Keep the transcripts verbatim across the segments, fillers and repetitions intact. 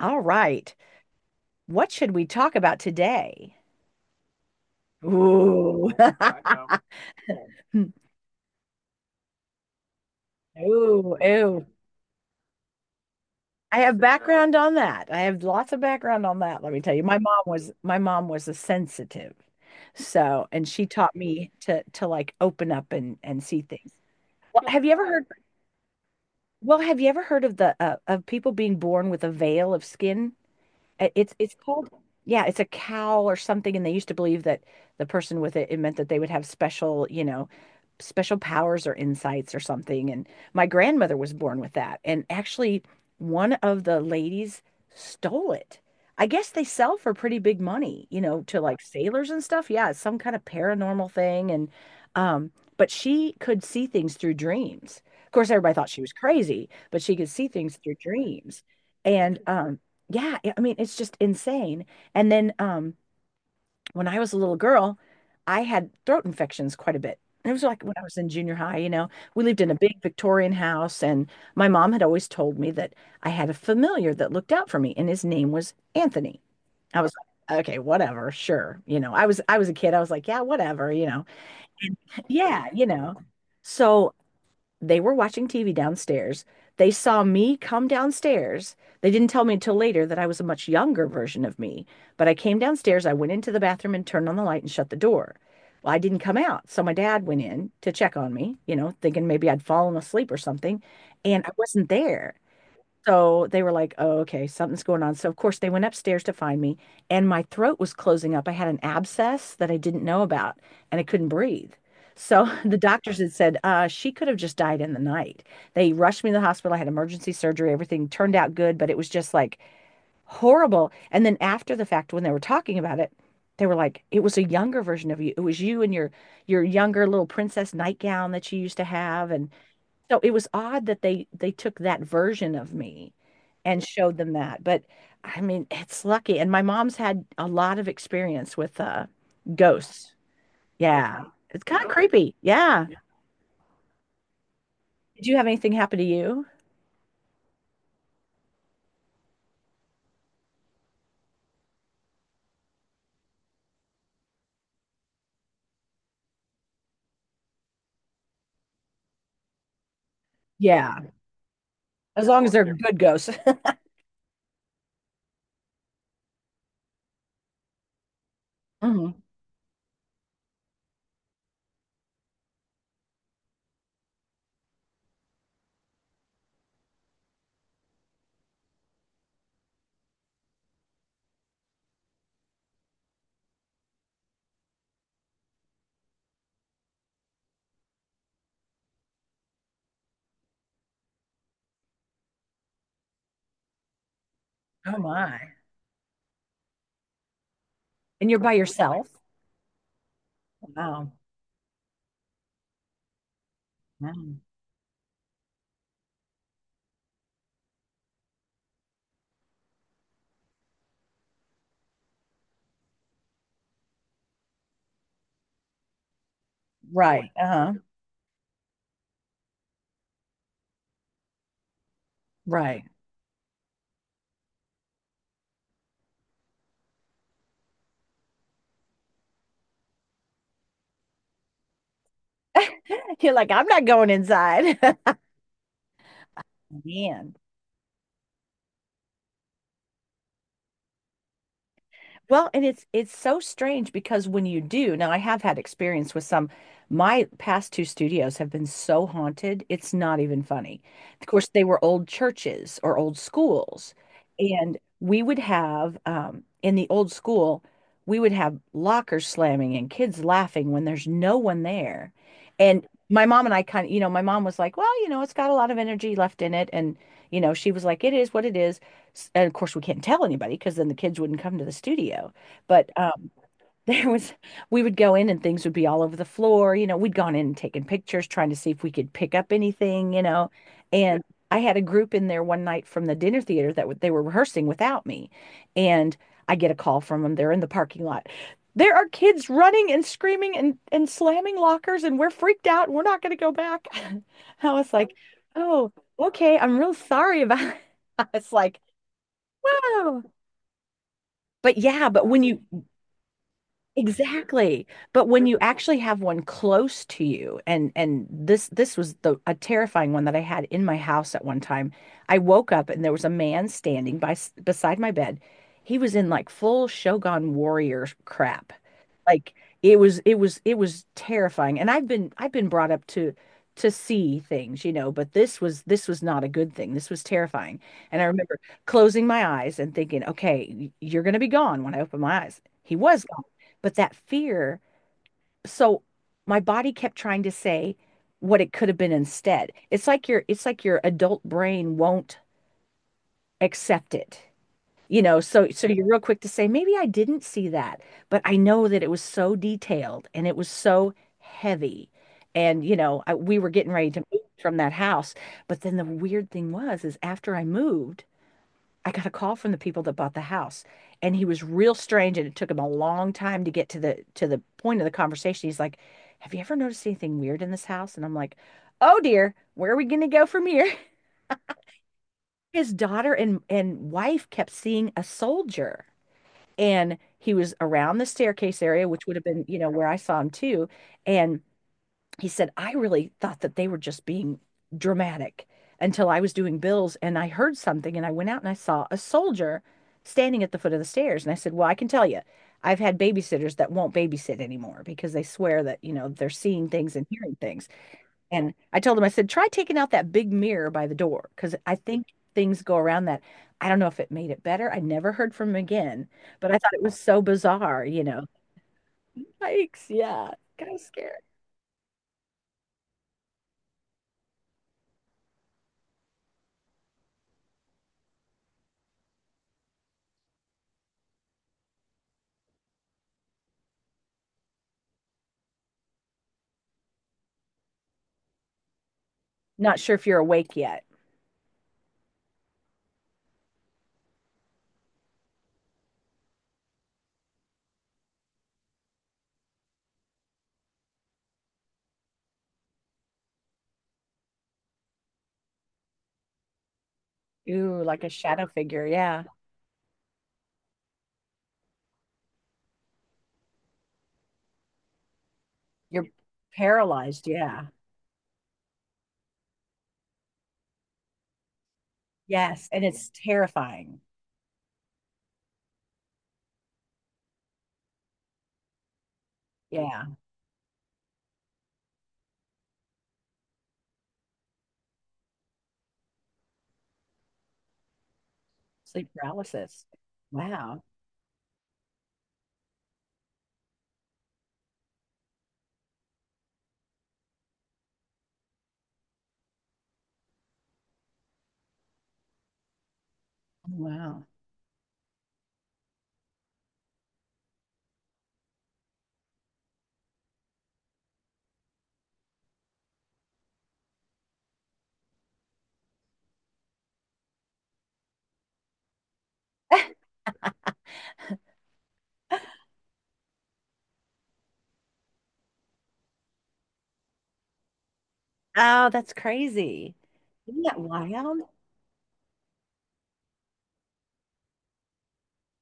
All right. What should we talk about today? Ooh. Ooh, ooh. I have background on that. I have lots of background on that, let me tell you. My mom was my mom was a sensitive. So, and she taught me to to like open up and and see things. Well, have you ever heard well, have you ever heard of the uh, of people being born with a veil of skin? Uh, It's it's called, yeah, it's a cowl or something, and they used to believe that the person with it it meant that they would have special, you know, special powers or insights or something. And my grandmother was born with that. And actually, one of the ladies stole it. I guess they sell for pretty big money, you know, to like sailors and stuff. Yeah, it's some kind of paranormal thing. And, um, but she could see things through dreams. Of course, everybody thought she was crazy, but she could see things through dreams. And, um, yeah, I mean, it's just insane. And then, um, when I was a little girl, I had throat infections quite a bit. It was like when I was in junior high, you know, we lived in a big Victorian house, and my mom had always told me that I had a familiar that looked out for me, and his name was Anthony. I was like, okay, whatever, sure. You know, I was I was a kid. I was like, yeah, whatever, you know. Yeah, you know. So they were watching T V downstairs. They saw me come downstairs. They didn't tell me until later that I was a much younger version of me, but I came downstairs. I went into the bathroom and turned on the light and shut the door. Well, I didn't come out. So my dad went in to check on me, you know, thinking maybe I'd fallen asleep or something, and I wasn't there. So they were like, oh, okay, something's going on. So, of course, they went upstairs to find me, and my throat was closing up. I had an abscess that I didn't know about, and I couldn't breathe. So, the doctors had said uh, she could have just died in the night. They rushed me to the hospital. I had emergency surgery. Everything turned out good, but it was just like horrible. And then, after the fact, when they were talking about it, they were like, it was a younger version of you. It was you in your your younger little princess nightgown that you used to have, and so it was odd that they they took that version of me and showed them that. But I mean, it's lucky. And my mom's had a lot of experience with uh ghosts. Yeah. It's kind of creepy. Yeah. Yeah. Did you have anything happen to you? Yeah. As long as they're good ghosts. Mhm. Oh, okay. My. And you're by yourself? Wow. Wow. Right. Uh-huh. Right. You're like, I'm not going inside. Man. Well, and it's it's so strange because when you do, now I have had experience with some, my past two studios have been so haunted, it's not even funny. Of course, they were old churches or old schools, and we would have um, in the old school, we would have lockers slamming and kids laughing when there's no one there. And my mom and I kind of, you know, my mom was like, well, you know, it's got a lot of energy left in it, and you know, she was like, it is what it is, s- and of course we can't tell anybody because then the kids wouldn't come to the studio, but um, there was, we would go in and things would be all over the floor, you know we'd gone in and taken pictures trying to see if we could pick up anything you know Yeah. And I had a group in there one night from the dinner theater that w- they were rehearsing without me, and I get a call from them, they're in the parking lot, there are kids running and screaming and and slamming lockers, and we're freaked out and we're not going to go back. I was like, oh, okay, I'm real sorry about. It's like, oh, but yeah, but when you exactly, but when you actually have one close to you, and and this this was the a terrifying one that I had in my house at one time. I woke up and there was a man standing by s- beside my bed. He was in like full Shogun warrior crap, like it was it was it was terrifying. And I've been I've been brought up to to see things, you know, but this was this was not a good thing. This was terrifying. And I remember closing my eyes and thinking, okay, y- you're going to be gone when I open my eyes. He was gone. But that fear, so my body kept trying to say what it could have been instead. It's like your it's like your adult brain won't accept it. You know, so so you're real quick to say, maybe I didn't see that, but I know that it was so detailed and it was so heavy. And, you know, I, we were getting ready to move from that house. But then the weird thing was, is after I moved, I got a call from the people that bought the house, and he was real strange, and it took him a long time to get to the to the point of the conversation. He's like, "Have you ever noticed anything weird in this house?" And I'm like, "Oh dear, where are we going to go from here?" His daughter and and wife kept seeing a soldier, and he was around the staircase area, which would have been, you know, where I saw him too. And he said, I really thought that they were just being dramatic until I was doing bills and I heard something and I went out and I saw a soldier standing at the foot of the stairs. And I said, well, I can tell you, I've had babysitters that won't babysit anymore because they swear that, you know, they're seeing things and hearing things. And I told him, I said, try taking out that big mirror by the door because I think things go around that. I don't know if it made it better. I never heard from him again, but I thought it was so bizarre, you know. Yikes, yeah, kind of scary. Not sure if you're awake yet. Ooh, like a shadow figure. Yeah. You're paralyzed. Yeah. Yes. And it's terrifying. Yeah. Sleep paralysis. Wow. Oh, wow. Oh, that's crazy. Isn't that wild?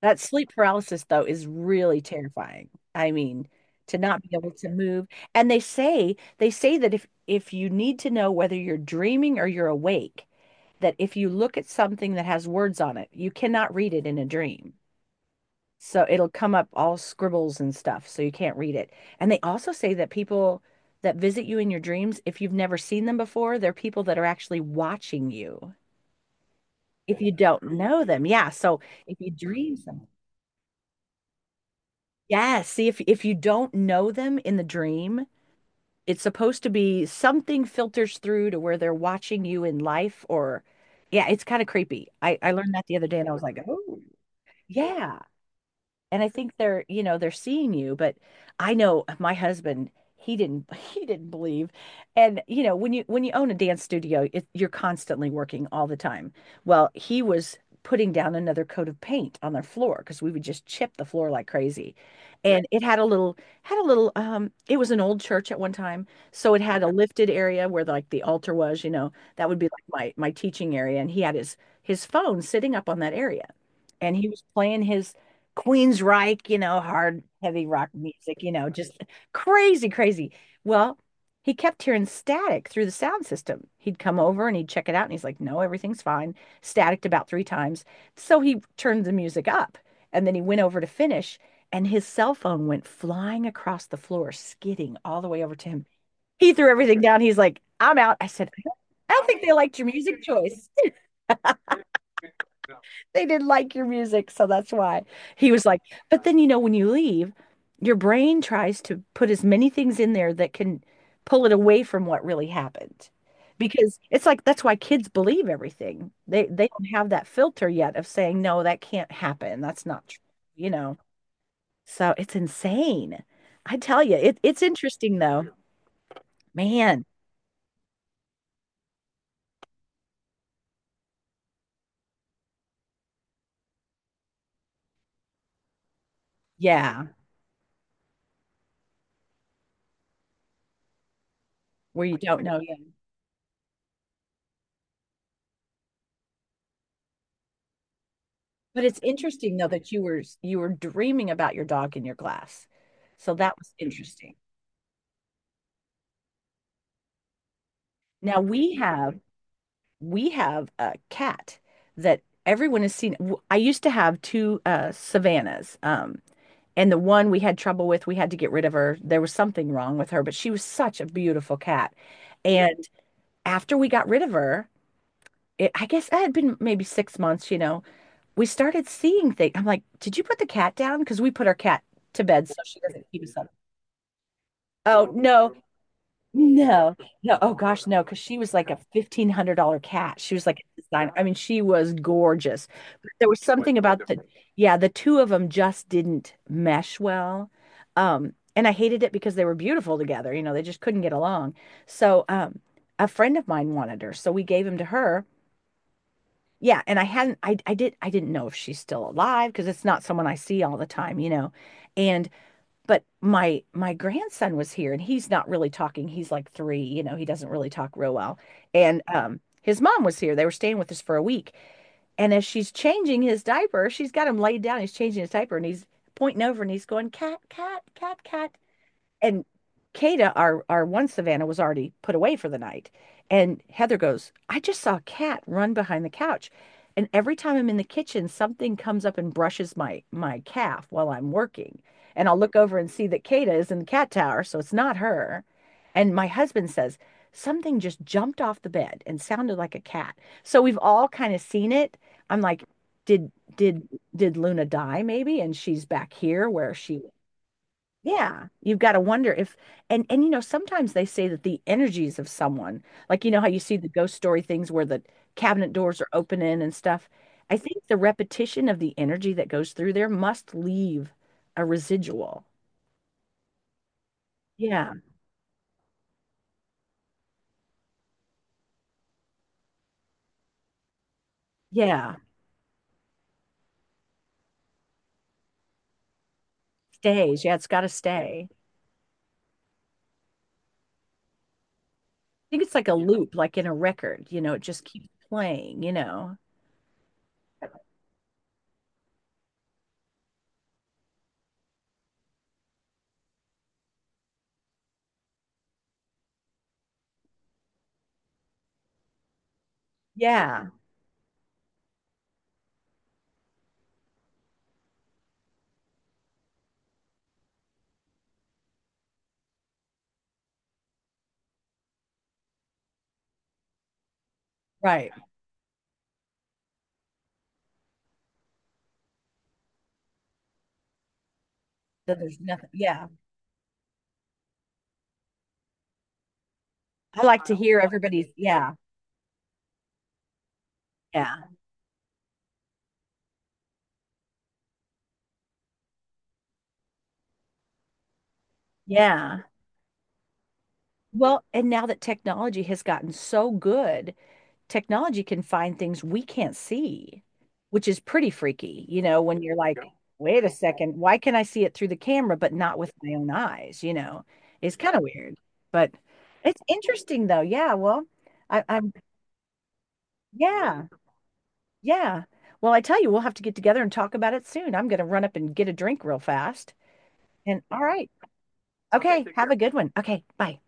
That sleep paralysis, though, is really terrifying. I mean, to not be able to move. And they say they say that if if you need to know whether you're dreaming or you're awake, that if you look at something that has words on it, you cannot read it in a dream. So it'll come up all scribbles and stuff, so you can't read it. And they also say that people that visit you in your dreams, if you've never seen them before, they're people that are actually watching you. If you don't know them. Yeah. So if you dream something. Yeah, see if if you don't know them in the dream, it's supposed to be something filters through to where they're watching you in life, or yeah, it's kind of creepy. I I learned that the other day, and I was like, "Oh, yeah." And I think they're, you know, they're seeing you, but I know my husband, he didn't he didn't believe. And you know, when you when you own a dance studio, it, you're constantly working all the time. Well, he was putting down another coat of paint on their floor because we would just chip the floor like crazy. Yeah. And it had a little had a little um it was an old church at one time, so it had a lifted area where like the altar was, you know, that would be like my my teaching area, and he had his his phone sitting up on that area, and he was playing his Queensryche, you know, hard, heavy rock music, you know, just crazy, crazy. Well, he kept hearing static through the sound system. He'd come over and he'd check it out, and he's like, "No, everything's fine." Staticked about three times, so he turned the music up, and then he went over to finish, and his cell phone went flying across the floor, skidding all the way over to him. He threw everything down. He's like, "I'm out." I said, "I don't think they liked your music choice." They didn't like your music, so that's why. He was like, but then you know, when you leave, your brain tries to put as many things in there that can pull it away from what really happened. Because it's like that's why kids believe everything. They they don't have that filter yet of saying, no, that can't happen. That's not true, you know. So it's insane. I tell you, it, it's interesting though. Man, yeah, where you don't know yet. But it's interesting though that you were you were dreaming about your dog in your glass. So that was interesting. Now we have we have a cat that everyone has seen. W- I used to have two uh Savannahs. Um and the one we had trouble with, we had to get rid of her. There was something wrong with her, but she was such a beautiful cat. And after we got rid of her, it, I guess it had been maybe six months, you know. We started seeing things. I'm like, did you put the cat down? Because we put our cat to bed so she doesn't keep us up. Oh no, no, no. Oh gosh, no, because she was like a fifteen hundred dollar cat. She was like a design. I mean, she was gorgeous. But there was quite something about the, yeah, the two of them just didn't mesh well. Um, and I hated it because they were beautiful together. You know, they just couldn't get along. So um a friend of mine wanted her, so we gave him to her. Yeah, and I hadn't I I did I didn't know if she's still alive because it's not someone I see all the time, you know. And but my my grandson was here and he's not really talking. He's like three, you know, he doesn't really talk real well. And um his mom was here. They were staying with us for a week. And as she's changing his diaper, she's got him laid down. He's changing his diaper and he's pointing over and he's going, cat, cat, cat, cat. And Kata, our our one Savannah, was already put away for the night. And Heather goes, I just saw a cat run behind the couch. And every time I'm in the kitchen, something comes up and brushes my my calf while I'm working. And I'll look over and see that Kata is in the cat tower, so it's not her. And my husband says, something just jumped off the bed and sounded like a cat. So we've all kind of seen it. I'm like, did did did Luna die maybe? And she's back here where she, yeah, you've got to wonder if. And and you know sometimes they say that the energies of someone, like you know how you see the ghost story things where the cabinet doors are opening and stuff. I think the repetition of the energy that goes through there must leave a residual. Yeah. Yeah, stays. Yeah, it's got to stay. I think it's like a loop, like in a record, you know, it just keeps playing, you know. Yeah, right. So there's nothing. Yeah. I like to hear everybody's, yeah. Yeah. Yeah. Well, and now that technology has gotten so good, technology can find things we can't see, which is pretty freaky, you know, when you're, yeah, like, yeah, wait a second, why can I see it through the camera but not with my own eyes? You know, it's kind of weird, but it's interesting though. Yeah, well, I, I'm, yeah, yeah. Well, I tell you, we'll have to get together and talk about it soon. I'm going to run up and get a drink real fast. And all right. Okay, okay, take have a care. Good one. Okay, bye.